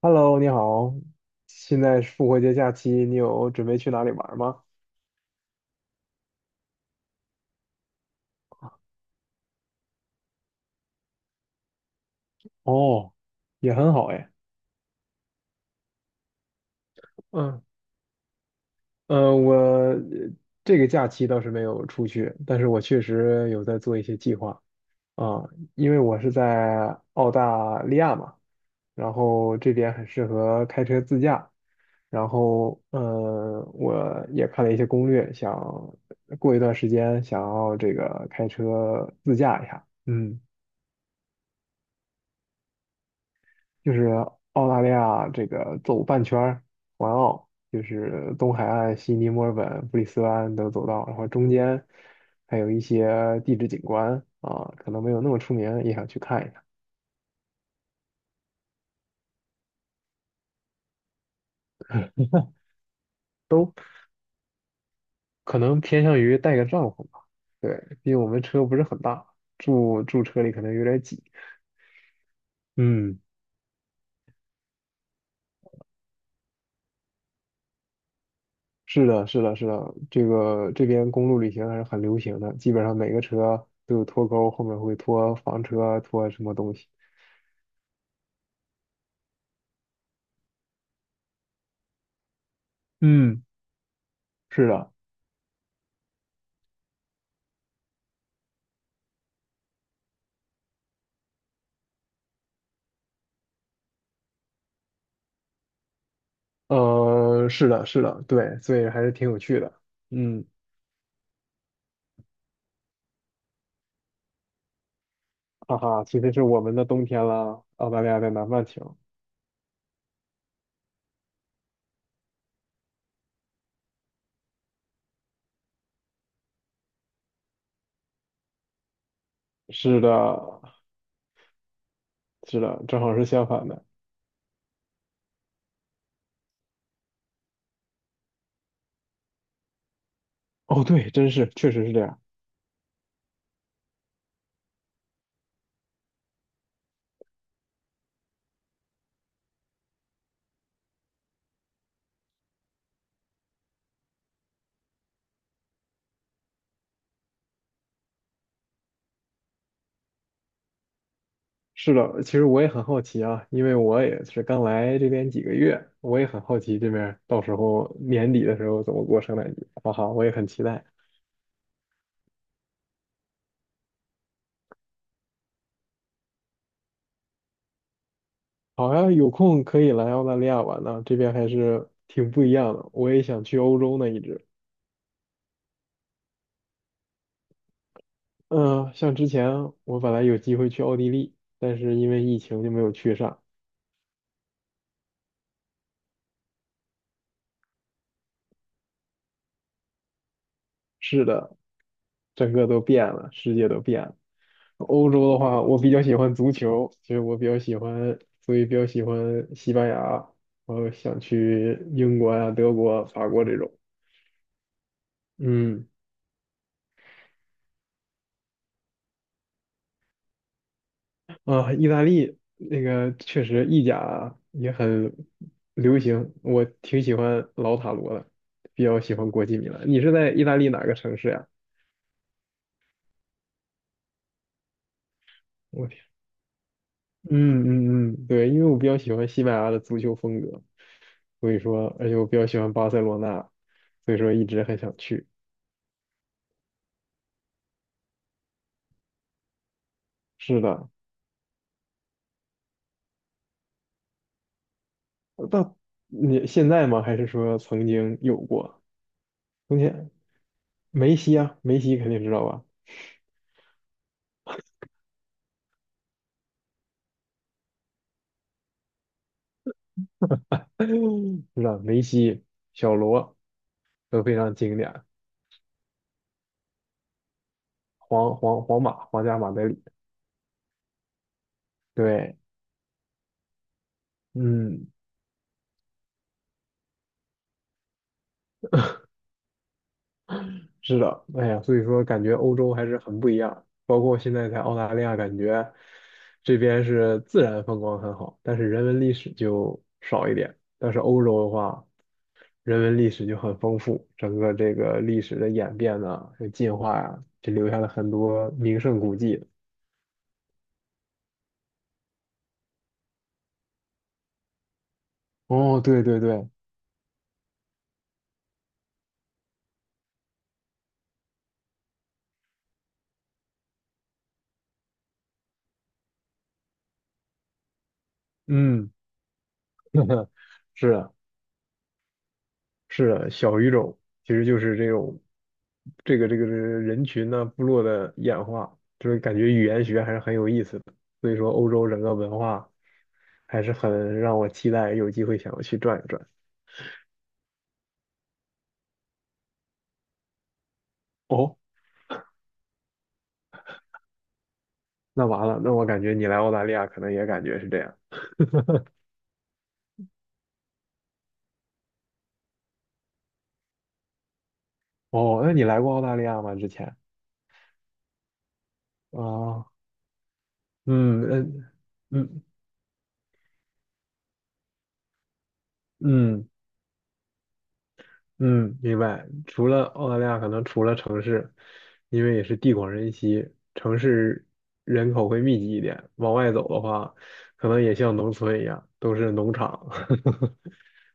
Hello，你好。现在是复活节假期，你有准备去哪里玩吗？哦，也很好哎。嗯。我这个假期倒是没有出去，但是我确实有在做一些计划啊，因为我是在澳大利亚嘛，然后这边很适合开车自驾，然后我也看了一些攻略，想过一段时间想要这个开车自驾一下，嗯。就是澳大利亚这个走半圈儿环澳，就是东海岸悉尼、墨尔本、布里斯班都走到，然后中间还有一些地质景观啊，可能没有那么出名，也想去看一看。都可能偏向于带个帐篷吧。对，毕竟我们车不是很大，住车里可能有点挤。嗯，是的，是的，是的，这个这边公路旅行还是很流行的，基本上每个车都有拖钩，后面会拖房车，拖什么东西。嗯，是的。是的，是的，对，所以还是挺有趣的。嗯。哈哈，今天是我们的冬天啦，澳大利亚在南半球。是的，是的，正好是相反的。哦，对，真是，确实是这样。是的，其实我也很好奇啊，因为我也是刚来这边几个月，我也很好奇这边到时候年底的时候怎么过圣诞节。哈哈，我也很期待。好呀，有空可以来澳大利亚玩呢，这边还是挺不一样的。我也想去欧洲呢，一直。嗯，像之前我本来有机会去奥地利，但是因为疫情就没有去上。是的，整个都变了，世界都变了。欧洲的话，我比较喜欢足球，所以我比较喜欢，所以比较喜欢西班牙，然后想去英国啊、德国、法国这种。嗯。啊，意大利那个确实意甲也很流行，我挺喜欢老塔罗的，比较喜欢国际米兰。你是在意大利哪个城市呀？我嗯嗯嗯，对，因为我比较喜欢西班牙的足球风格，所以说，而且我比较喜欢巴塞罗那，所以说一直很想去。是的。到你现在吗？还是说曾经有过？从前，梅西啊，梅西肯定知道吧？是的，梅西、小罗都非常经典，皇马、皇家马德里。对，嗯，是的，哎呀，所以说感觉欧洲还是很不一样，包括现在在澳大利亚，感觉这边是自然风光很好，但是人文历史就少一点。但是欧洲的话，人文历史就很丰富，整个这个历史的演变呢，还有进化呀，就留下了很多名胜古迹。哦，对对对，嗯。是，是的，小语种其实就是这种这个人群呢、部落的演化，就是感觉语言学还是很有意思的。所以说，欧洲整个文化还是很让我期待，有机会想要去转一转。哦，那完了，那我感觉你来澳大利亚可能也感觉是这样。哦，那你来过澳大利亚吗？之前？啊，嗯嗯嗯嗯，嗯，明白。除了澳大利亚，可能除了城市，因为也是地广人稀，城市人口会密集一点。往外走的话，可能也像农村一样，都是农场。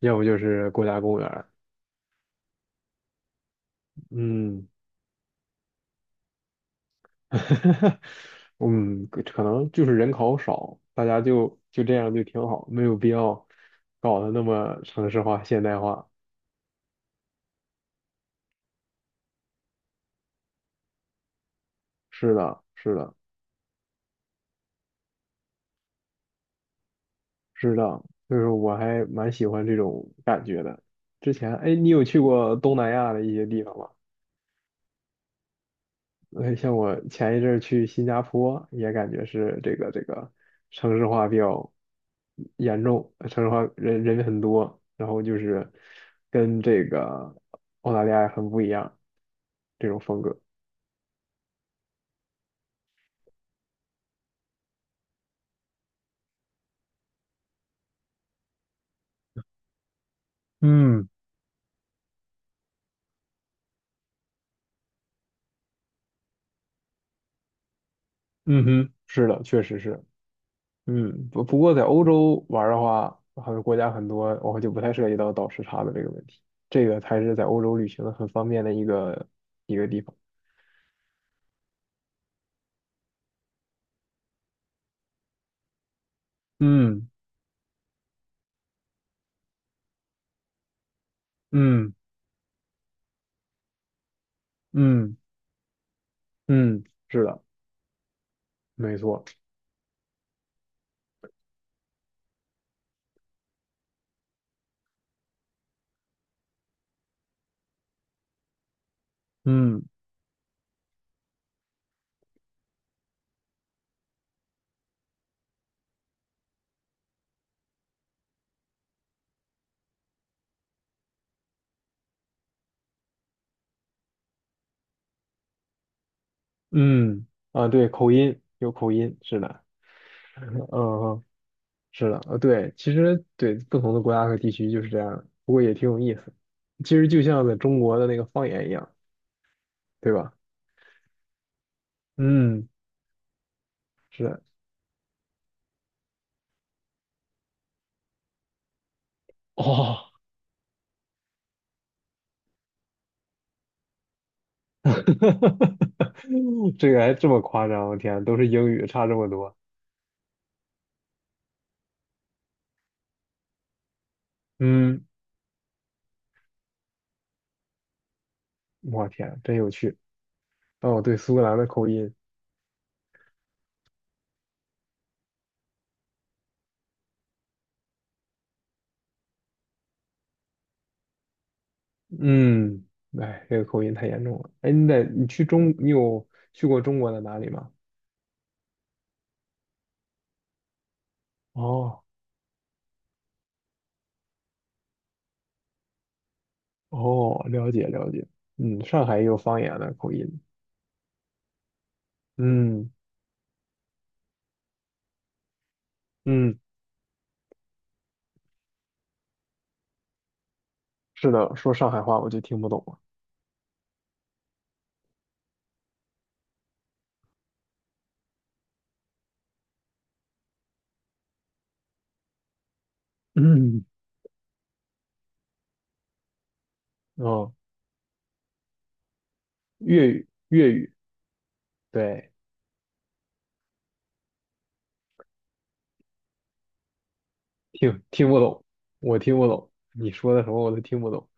要不就是国家公园儿。嗯。嗯，可能就是人口少，大家就这样就挺好，没有必要搞得那么城市化、现代化。是的，是的。知道，就是我还蛮喜欢这种感觉的。之前，哎，你有去过东南亚的一些地方吗？像我前一阵儿去新加坡，也感觉是这个城市化比较严重，城市化人很多，然后就是跟这个澳大利亚很不一样这种风格。嗯嗯哼，是的，确实是。嗯，不过在欧洲玩儿的话，好像国家很多，我就不太涉及到倒时差的这个问题。这个才是在欧洲旅行的很方便的一个地方。嗯嗯嗯嗯，是的，没错。嗯嗯，啊，对，口音有口音，是的，嗯，嗯，是的，对，其实对不同的国家和地区就是这样，不过也挺有意思。其实就像在中国的那个方言一样，对吧？嗯，是的，哦，哈哈哈！哈，这个还这么夸张，我天，都是英语，差这么多。嗯，我天，真有趣。哦，对，苏格兰的口音，嗯，哎，这个口音太严重了。哎，你有去过中国的哪里吗？哦哦，了解了解。嗯，上海也有方言的口音。嗯嗯，是的，说上海话我就听不懂了。嗯，哦，粤语粤语，对，听听不懂，我听不懂，你说的什么我都听不懂。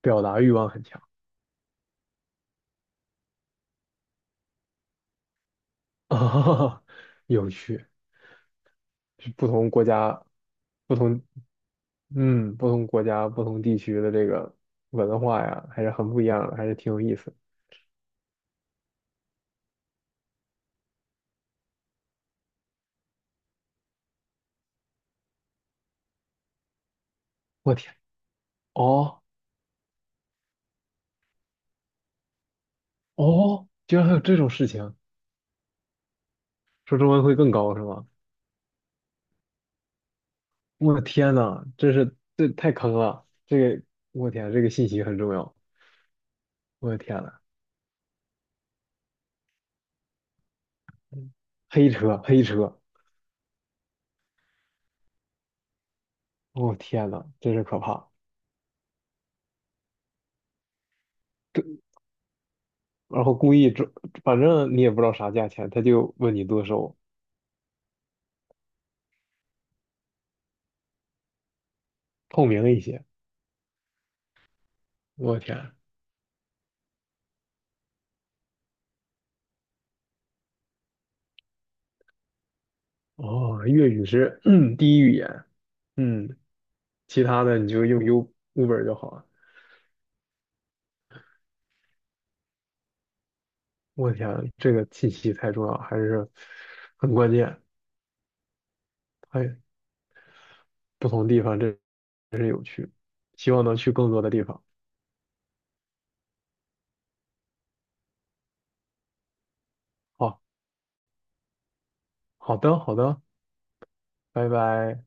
表达欲望很强。啊，有趣，是不同国家、不同，嗯，不同国家、不同地区的这个文化呀，还是很不一样的，还是挺有意思的。我天，哦哦，居然还有这种事情，说中文会更高是吗？我的天呐，这太坑了，我天，这个信息很重要。我的天呐，黑车黑车，我天呐，真是可怕。这然后故意这，反正你也不知道啥价钱，他就问你多收，透明一些。我天，哦，粤语是 第一语言，嗯，其他的你就用 Uber 就好了。我天，这个信息太重要，还是很关键。哎，不同地方真真是有趣，希望能去更多的地方。好，好的，好的，拜拜。